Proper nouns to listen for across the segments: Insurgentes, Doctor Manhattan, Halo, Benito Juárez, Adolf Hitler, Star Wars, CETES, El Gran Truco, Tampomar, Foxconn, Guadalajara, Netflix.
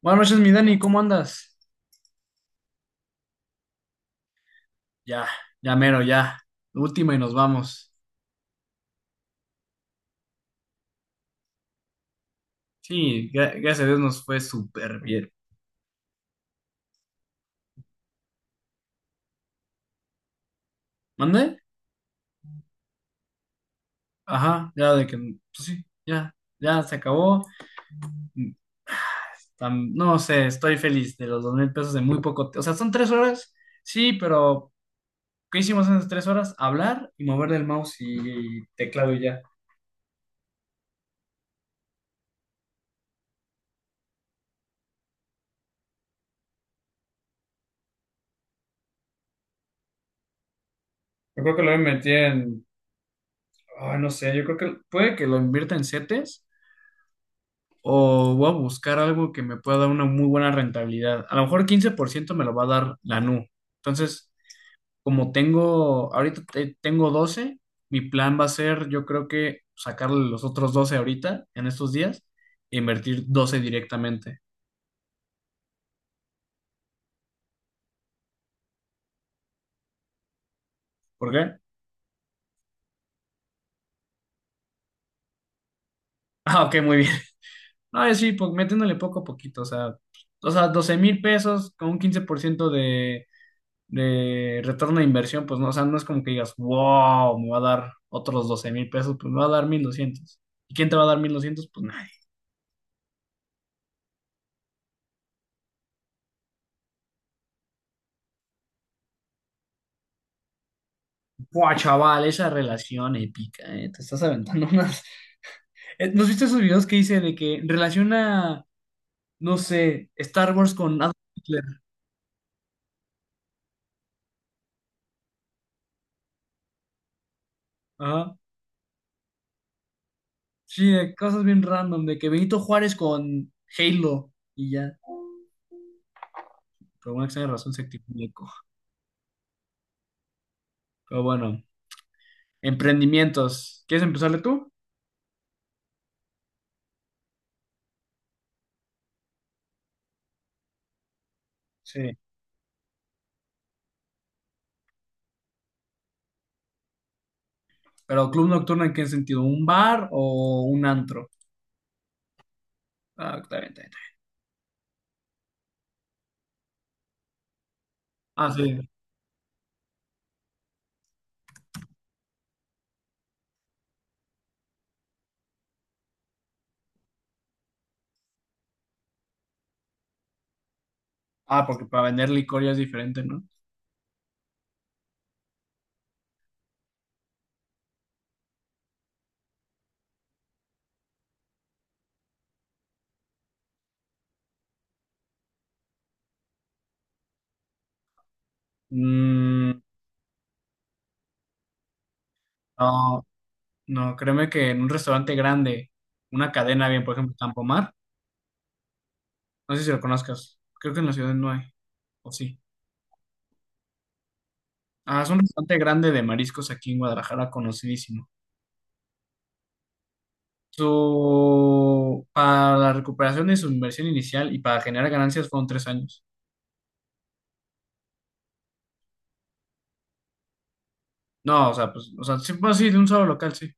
Buenas noches, mi Dani, ¿cómo andas? Ya, ya mero, ya. Última y nos vamos. Sí, gracias a Dios nos fue súper bien. ¿Mande? Ajá, ya de que, pues sí, ya, ya se acabó. No sé, estoy feliz de los $2,000 de muy poco. O sea, son 3 horas, sí, pero ¿qué hicimos en esas 3 horas? Hablar y mover el mouse y teclado y ya. Yo creo que lo invertí en, ay, no sé, yo creo que puede que lo invierta en CETES o voy a buscar algo que me pueda dar una muy buena rentabilidad. A lo mejor 15% me lo va a dar la NU. Entonces, como tengo, ahorita tengo 12. Mi plan va a ser, yo creo que sacarle los otros 12 ahorita, en estos días, e invertir 12 directamente. ¿Por qué? Ah, ok, muy bien. No, sí, pues metiéndole poco a poquito, o sea, $12,000 con un 15% de retorno de inversión, pues no, o sea, no es como que digas, wow, me va a dar otros $12,000, pues me va a dar 1,200. ¿Y quién te va a dar 1,200? Pues nadie. Buah, chaval, esa relación épica, te estás aventando unas. ¿Nos viste esos videos que hice de que relaciona, no sé, Star Wars con Adolf Hitler? Ajá. Sí, de cosas bien random, de que Benito Juárez con Halo y ya. Por alguna extraña razón se activó un eco. Pero bueno, emprendimientos. ¿Quieres empezarle tú? Sí. Pero club nocturno en qué sentido, ¿un bar o un antro? Ah, está bien, está bien, está bien. Ah, sí. Ah, porque para vender licor ya es diferente, ¿no? Mm, no, no, créeme que en un restaurante grande, una cadena bien, por ejemplo, Tampomar, no sé si lo conozcas, creo que en la ciudad no hay, o sí. Ah, es un restaurante grande de mariscos aquí en Guadalajara, conocidísimo. Para la recuperación de su inversión inicial y para generar ganancias fueron 3 años. No, o sea, pues, o sea, sí, pues sí, de un solo local, sí.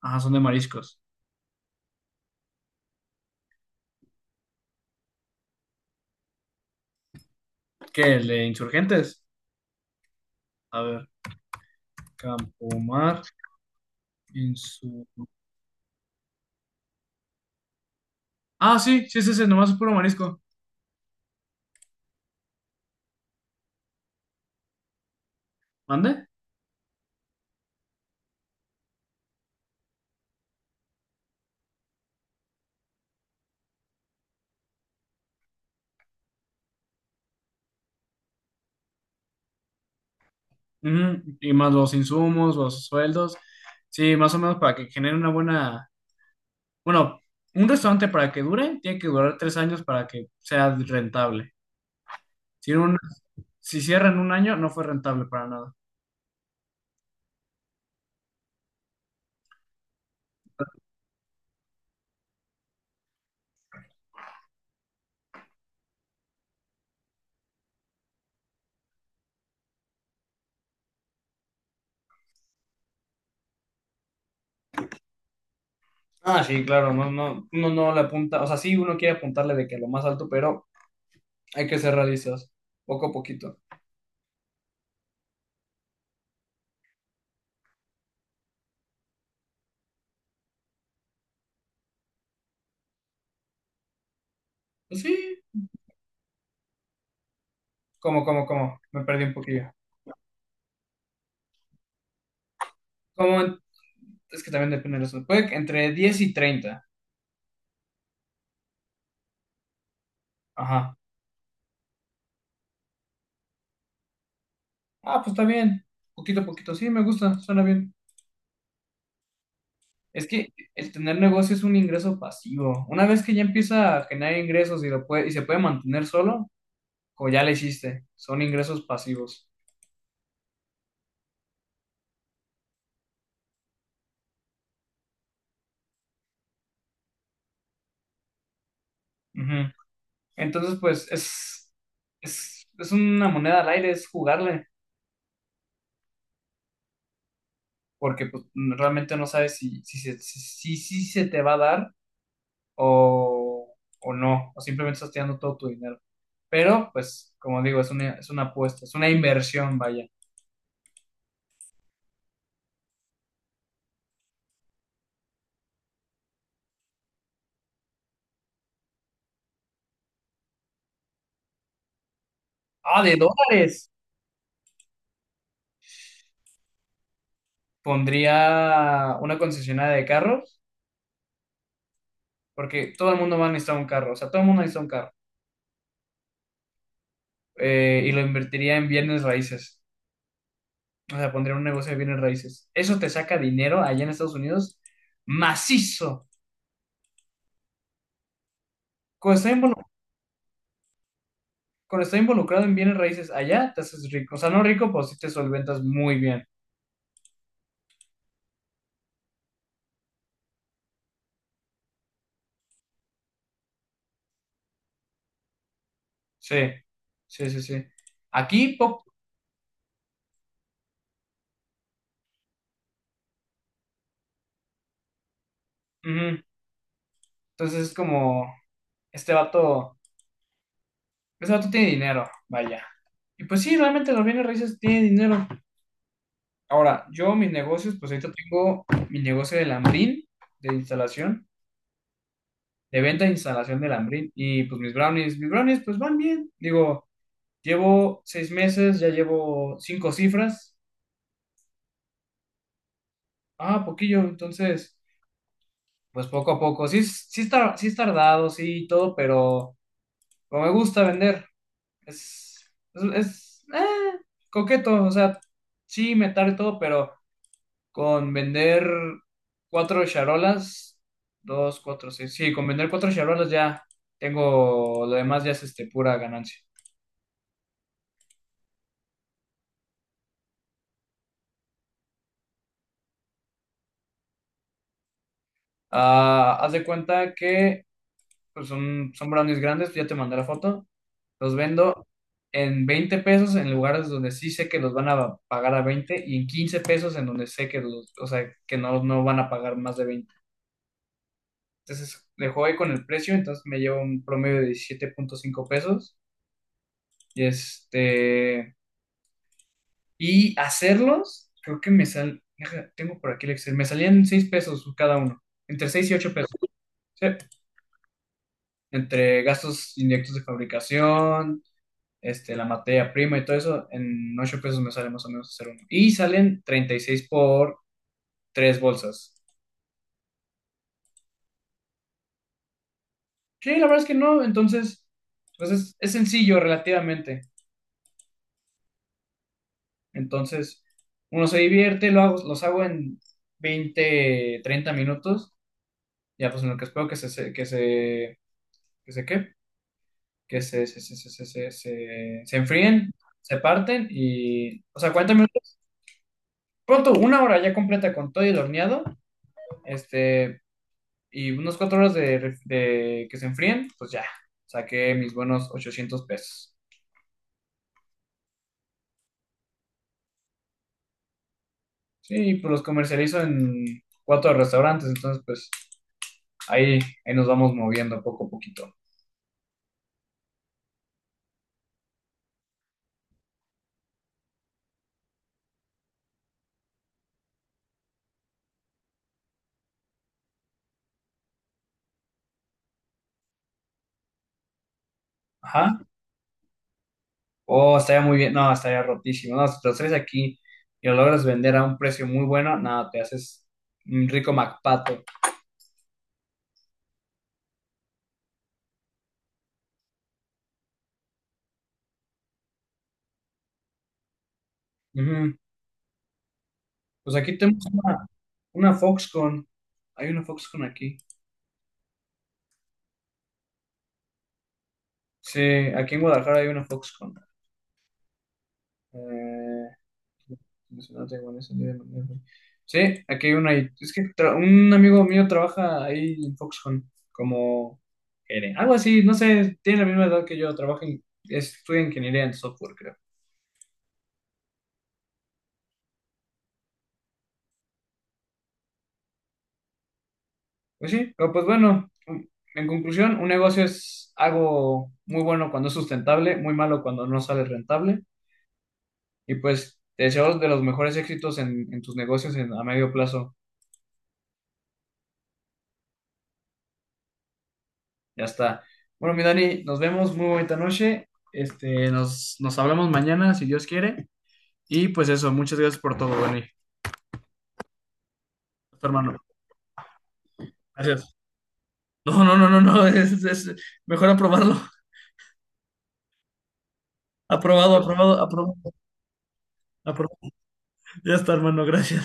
Ajá, son de mariscos. ¿Qué? ¿El de Insurgentes? A ver, Campomar, Insu... Ah, sí, sí, sí, sí, nomás es puro marisco. ¿Mande? Ujú. Y más los insumos, los sueldos. Sí, más o menos para que genere una buena... Bueno, un restaurante para que dure, tiene que durar 3 años para que sea rentable. Si, si cierra en un año, no fue rentable para nada. Ah, sí, claro, no, no, uno no le apunta, o sea, sí, uno quiere apuntarle de que lo más alto, pero hay que ser realistas, poco a poquito. Pues sí, como, me perdí un poquillo. Como, es que también depende de la zona. Puede que entre 10 y 30. Ajá. Ah, pues está bien. Poquito a poquito. Sí, me gusta, suena bien. Es que el tener negocio es un ingreso pasivo. Una vez que ya empieza a generar ingresos y se puede mantener solo, como ya le hiciste, son ingresos pasivos. Ujú. Entonces, pues es, es una moneda al aire, es jugarle, porque pues, realmente no sabes si se te va a dar o no, o simplemente estás tirando todo tu dinero. Pero, pues, como digo, es una apuesta, es una inversión, vaya. Ah, de dólares. Pondría una concesionaria de carros, porque todo el mundo va a necesitar un carro, o sea, todo el mundo necesita un carro. Y lo invertiría en bienes raíces, o sea, pondría un negocio de bienes raíces. Eso te saca dinero allá en Estados Unidos macizo. Cuando estás involu- cuando estás involucrado en bienes raíces allá, te haces rico. O sea, no rico, pues sí te solventas muy bien. Sí, sí, sí, sí. Aquí, pop. Ujú. Entonces es como, este vato, este vato tiene dinero, vaya. Y pues sí, realmente los bienes raíces tienen dinero. Ahora, yo mis negocios, pues ahorita tengo mi negocio de lambrín, de instalación, de venta e instalación de lambrín. Y pues mis brownies, pues van bien. Digo, llevo 6 meses, ya llevo cinco cifras. Ah, poquillo, entonces, pues poco a poco. Sí, sí, sí es tardado, sí, y todo, pero... Pero me gusta vender. Es, es coqueto, o sea, sí, metar y todo, pero con vender cuatro charolas, dos, cuatro, seis, sí, con vender cuatro charolas ya tengo, lo demás ya es este, pura ganancia. Ah, haz de cuenta que pues son brownies grandes, ya te mandé la foto, los vendo en $20 en lugares donde sí sé que los van a pagar a 20 y en $15 en donde sé que los, o sea, que no, no van a pagar más de 20. Entonces le jugué con el precio, entonces me llevo un promedio de $17.5. Y este, y hacerlos, creo que deja, tengo por aquí el Excel, me salían $6 cada uno, entre $6 y $8, ¿sí? Entre gastos indirectos de fabricación, este, la materia prima y todo eso, en $8 me sale más o menos hacer uno. Y salen 36 por 3 bolsas. Sí, la verdad es que no, entonces, pues es, sencillo relativamente. Entonces, uno se divierte, lo hago, los hago en 20 30 minutos, ya pues en lo que espero que se, ¿qué? Que se enfríen, se parten y, o sea, 40 minutos, pronto, una hora ya completa con todo y el horneado, este, y unos 4 horas de que se enfríen, pues ya, saqué mis buenos $800. Sí, pues los comercializo en cuatro restaurantes, entonces pues ahí, ahí nos vamos moviendo poco a poquito. Ajá. Oh, estaría muy bien. No, estaría rotísimo. No, si te los traes aquí y lo logras vender a un precio muy bueno, no, te haces un rico MacPato. Ujú. Pues aquí tenemos una Foxconn. Hay una Foxconn aquí. Sí, aquí en Guadalajara hay una Foxconn. Eh, no tengo en ese día, no tengo. Sí, aquí hay una ahí. Es que un amigo mío trabaja ahí en Foxconn como gerente, algo así, no sé, tiene la misma edad que yo, estudia ingeniería en software, creo. Pues sí, pero pues bueno, en conclusión, un negocio es algo muy bueno cuando es sustentable, muy malo cuando no sale rentable. Y pues te deseo de los mejores éxitos en, tus negocios a medio plazo. Ya está. Bueno, mi Dani, nos vemos, muy bonita noche. Este, nos hablamos mañana, si Dios quiere. Y pues eso, muchas gracias por todo, Dani. Tu hermano. Gracias. No, no, no, no, no, es, mejor aprobarlo. Aprobado, aprobado, aprobado, aprobado. Ya está, hermano, gracias.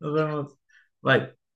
Nos vemos. Bye.